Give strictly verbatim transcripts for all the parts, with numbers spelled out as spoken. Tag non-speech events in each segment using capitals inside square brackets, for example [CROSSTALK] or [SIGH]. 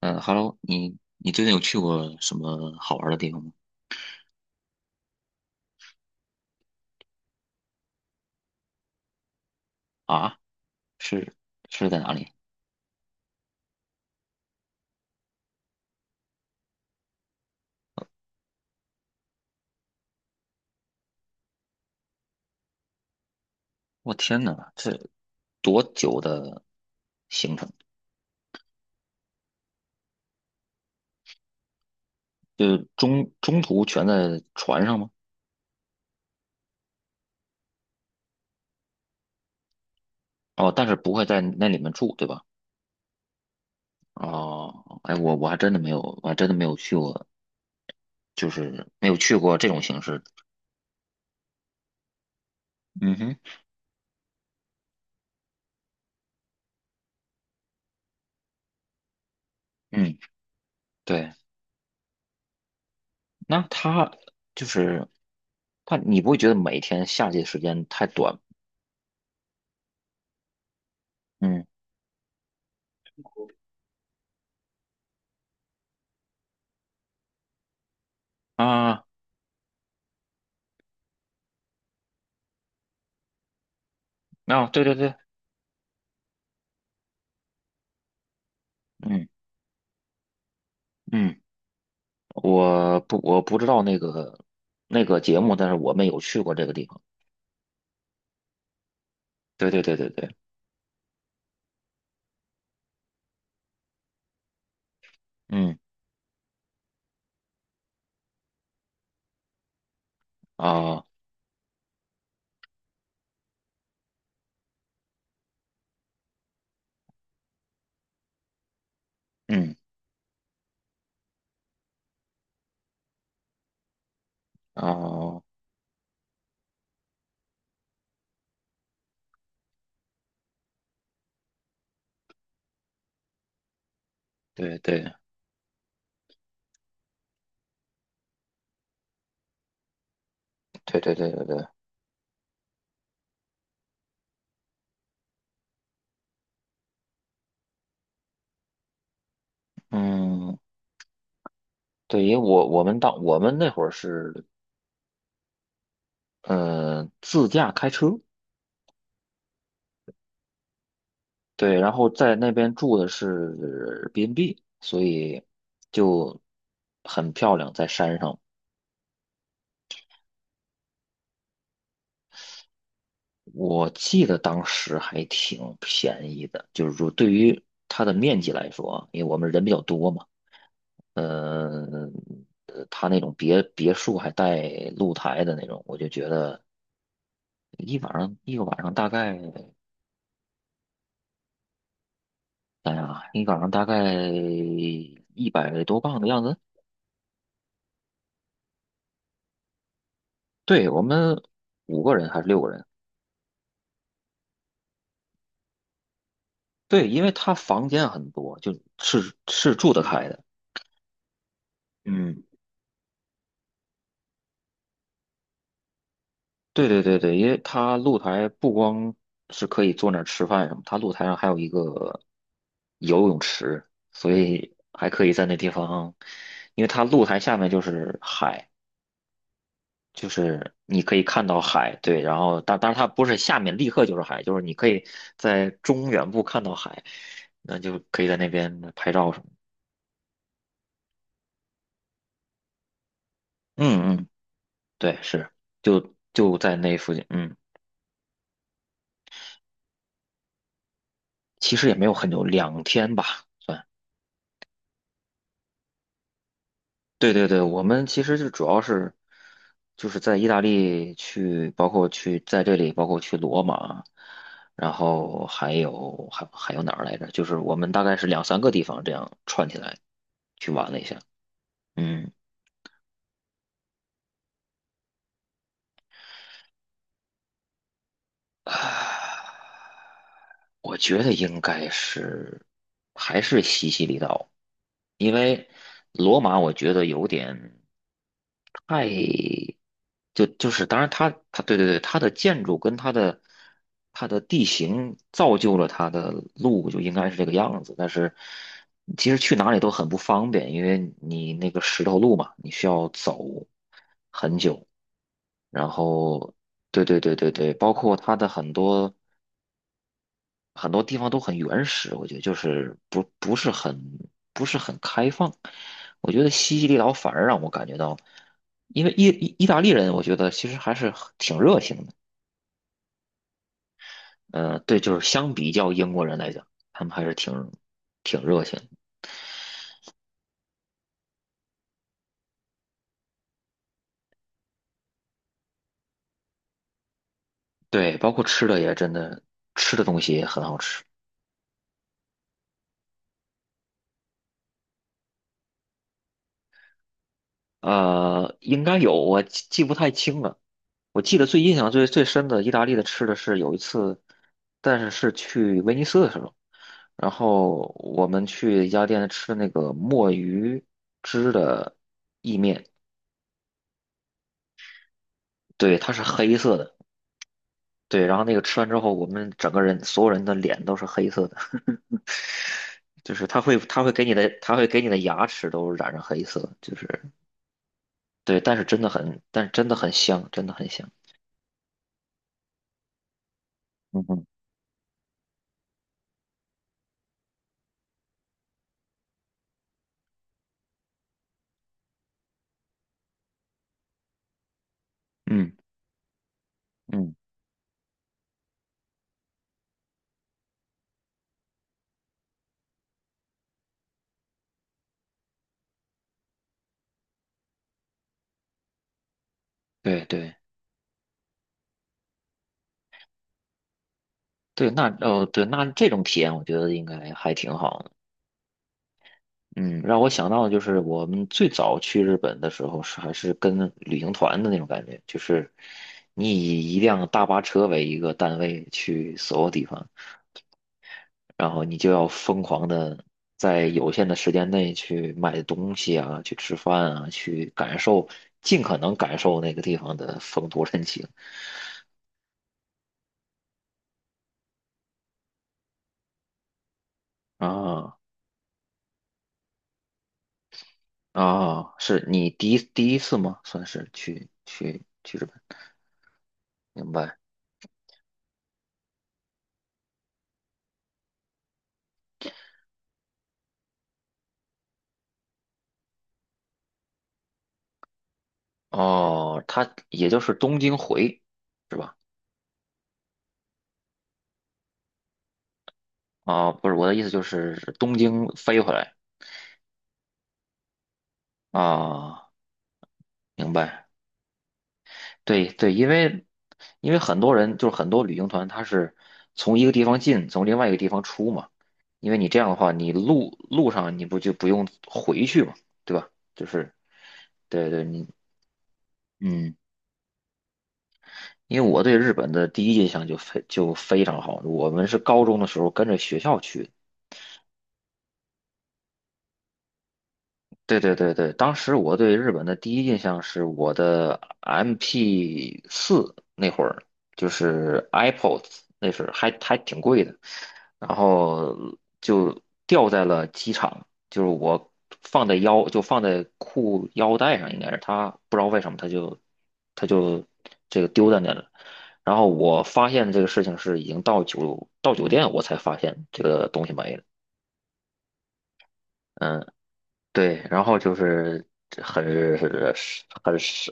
嗯，Hello，你你最近有去过什么好玩的地方吗？啊，是是在哪里？我天呐，这多久的行程？就是中中途全在船上吗？哦，但是不会在那里面住，对吧？哦，哎，我我还真的没有，我还真的没有去过，就是没有去过这种形式的。嗯哼，嗯，对，那他就是他，你不会觉得每天夏季时间太短吗？嗯啊，啊，对对对，嗯嗯。我不我不知道那个那个节目，但是我们有去过这个地方。对对对对对，嗯啊嗯啊，对对对对对对对，嗯。对，因为我我们当我们那会儿是呃自驾开车，对，然后在那边住的是 B&B，所以就很漂亮，在山上。我记得当时还挺便宜的，就是说对于它的面积来说啊，因为我们人比较多嘛。嗯，呃他那种别别墅还带露台的那种，我就觉得一晚上一个晚上大概，哎呀，一晚上大概一百多磅的样子。对，我们五个人还是六个人？对，因为他房间很多，就是是住得开的。嗯。对对对对，因为它露台不光是可以坐那儿吃饭什么，它露台上还有一个游泳池，所以还可以在那地方，因为它露台下面就是海，就是你可以看到海，对，然后但但是它不是下面立刻就是海，就是你可以在中远部看到海，那就可以在那边拍照什么的。嗯嗯，对，是，就就在那附近，嗯，其实也没有很久，两天吧。算。对对对，我们其实就主要是就是在意大利去，包括去在这里，包括去罗马，然后还有还还有哪儿来着？就是我们大概是两三个地方这样串起来去玩了一下。嗯，啊，我觉得应该是还是西西里岛，因为罗马我觉得有点。太就就是当然它它对对对它的建筑跟它的它的地形造就了它的路就应该是这个样子，但是其实去哪里都很不方便，因为你那个石头路嘛，你需要走很久。然后，对对对对对，包括它的很多很多地方都很原始，我觉得就是不不是很不是很开放。我觉得西西里岛反而让我感觉到，因为意意意大利人，我觉得其实还是很挺热情的。呃，对，就是相比较英国人来讲，他们还是挺挺热情的。对，包括吃的也真的，吃的东西也很好吃。呃，应该有，我记记不太清了。我记得最印象最最深的意大利的吃的是有一次，但是是去威尼斯的时候，然后我们去一家店吃那个墨鱼汁的，对，它是黑色的，对，然后那个吃完之后，我们整个人所有人的脸都是黑色的，[LAUGHS] 就是它会它会给你的它会给你的牙齿都染上黑色，就是对，但是真的很但是真的很香，真的很香，嗯哼嗯嗯，对对对，那哦对，那这种体验我觉得应该还挺好的。嗯，让我想到的就是我们最早去日本的时候是还是跟旅行团的那种感觉，就是你以一辆大巴车为一个单位去所有地方，然后你就要疯狂的在有限的时间内去买东西啊，去吃饭啊，去感受，尽可能感受那个地方的风土人情。啊啊，是你第一第一次吗？算是去去去日本，明白。哦，他也就是东京回是吧？啊，不是我的意思就是东京飞回来。啊，明白？对对，因为因为很多人就是很多旅行团，他是从一个地方进，从另外一个地方出嘛。因为你这样的话，你路路上你不就不用回去嘛，对吧？就是对对，你嗯，因为我对日本的第一印象就非就非常好，我们是高中的时候跟着学校去的。对对对对，当时我对日本的第一印象是我的 M P 四那会儿，就是 iPods，那是还还挺贵的，然后就掉在了机场，就是我放在腰，就放在裤腰带上，应该是他不知道为什么他就他就这个丢在那了。然后我发现这个事情是已经到酒到酒店我才发现这个东西没了。嗯。对，然后就是很很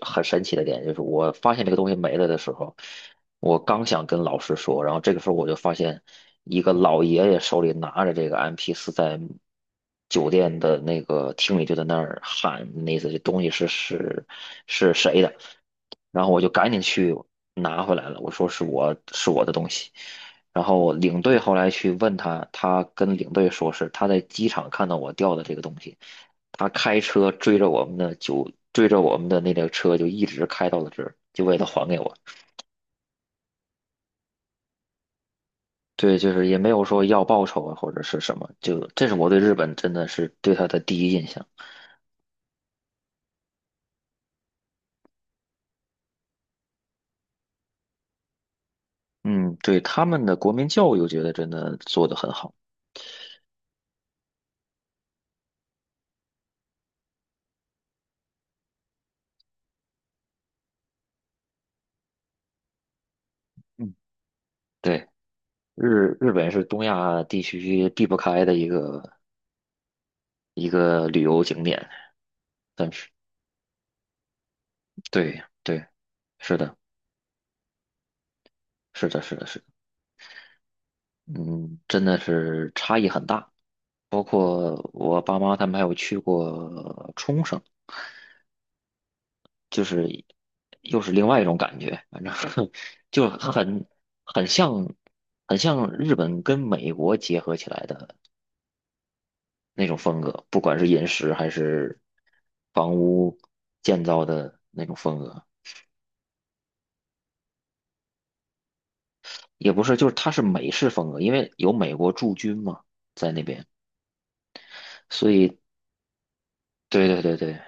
很神奇的点，就是我发现这个东西没了的时候，我刚想跟老师说，然后这个时候我就发现一个老爷爷手里拿着这个 m p 四，在酒店的那个厅里就在那儿喊，那意思这东西是是是谁的，然后我就赶紧去拿回来了，我说是我是我的东西。然后领队后来去问他，他跟领队说是他在机场看到我掉的这个东西，他开车追着我们的就追着我们的那辆车就一直开到了这儿，就为了还给我。对，就是也没有说要报酬啊或者是什么，就这是我对日本真的是对他的第一印象。嗯，对他们的国民教育，我觉得真的做得很好。嗯，对，日日本是东亚地区避不开的一个一个旅游景点，但是对对，是的，是的，是的，是的嗯，真的是差异很大。包括我爸妈他们还有去过冲绳，就是又是另外一种感觉，反正 [LAUGHS] 就很很像很像日本跟美国结合起来的那种风格，不管是饮食还是房屋建造的那种风格，也不是，就是它是美式风格，因为有美国驻军嘛在那边，所以对对对对，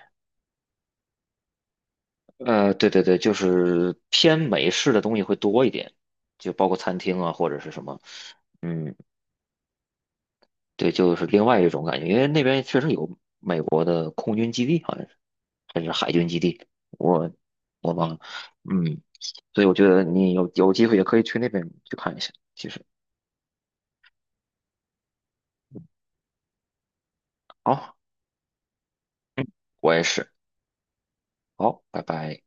呃，对对对，就是偏美式的东西会多一点，就包括餐厅啊或者是什么，嗯，对，就是另外一种感觉，因为那边确实有美国的空军基地，好像是还是海军基地，我我忘了，嗯，所以我觉得你有有机会也可以去那边去看一下。其实，好，我也是，好，拜拜。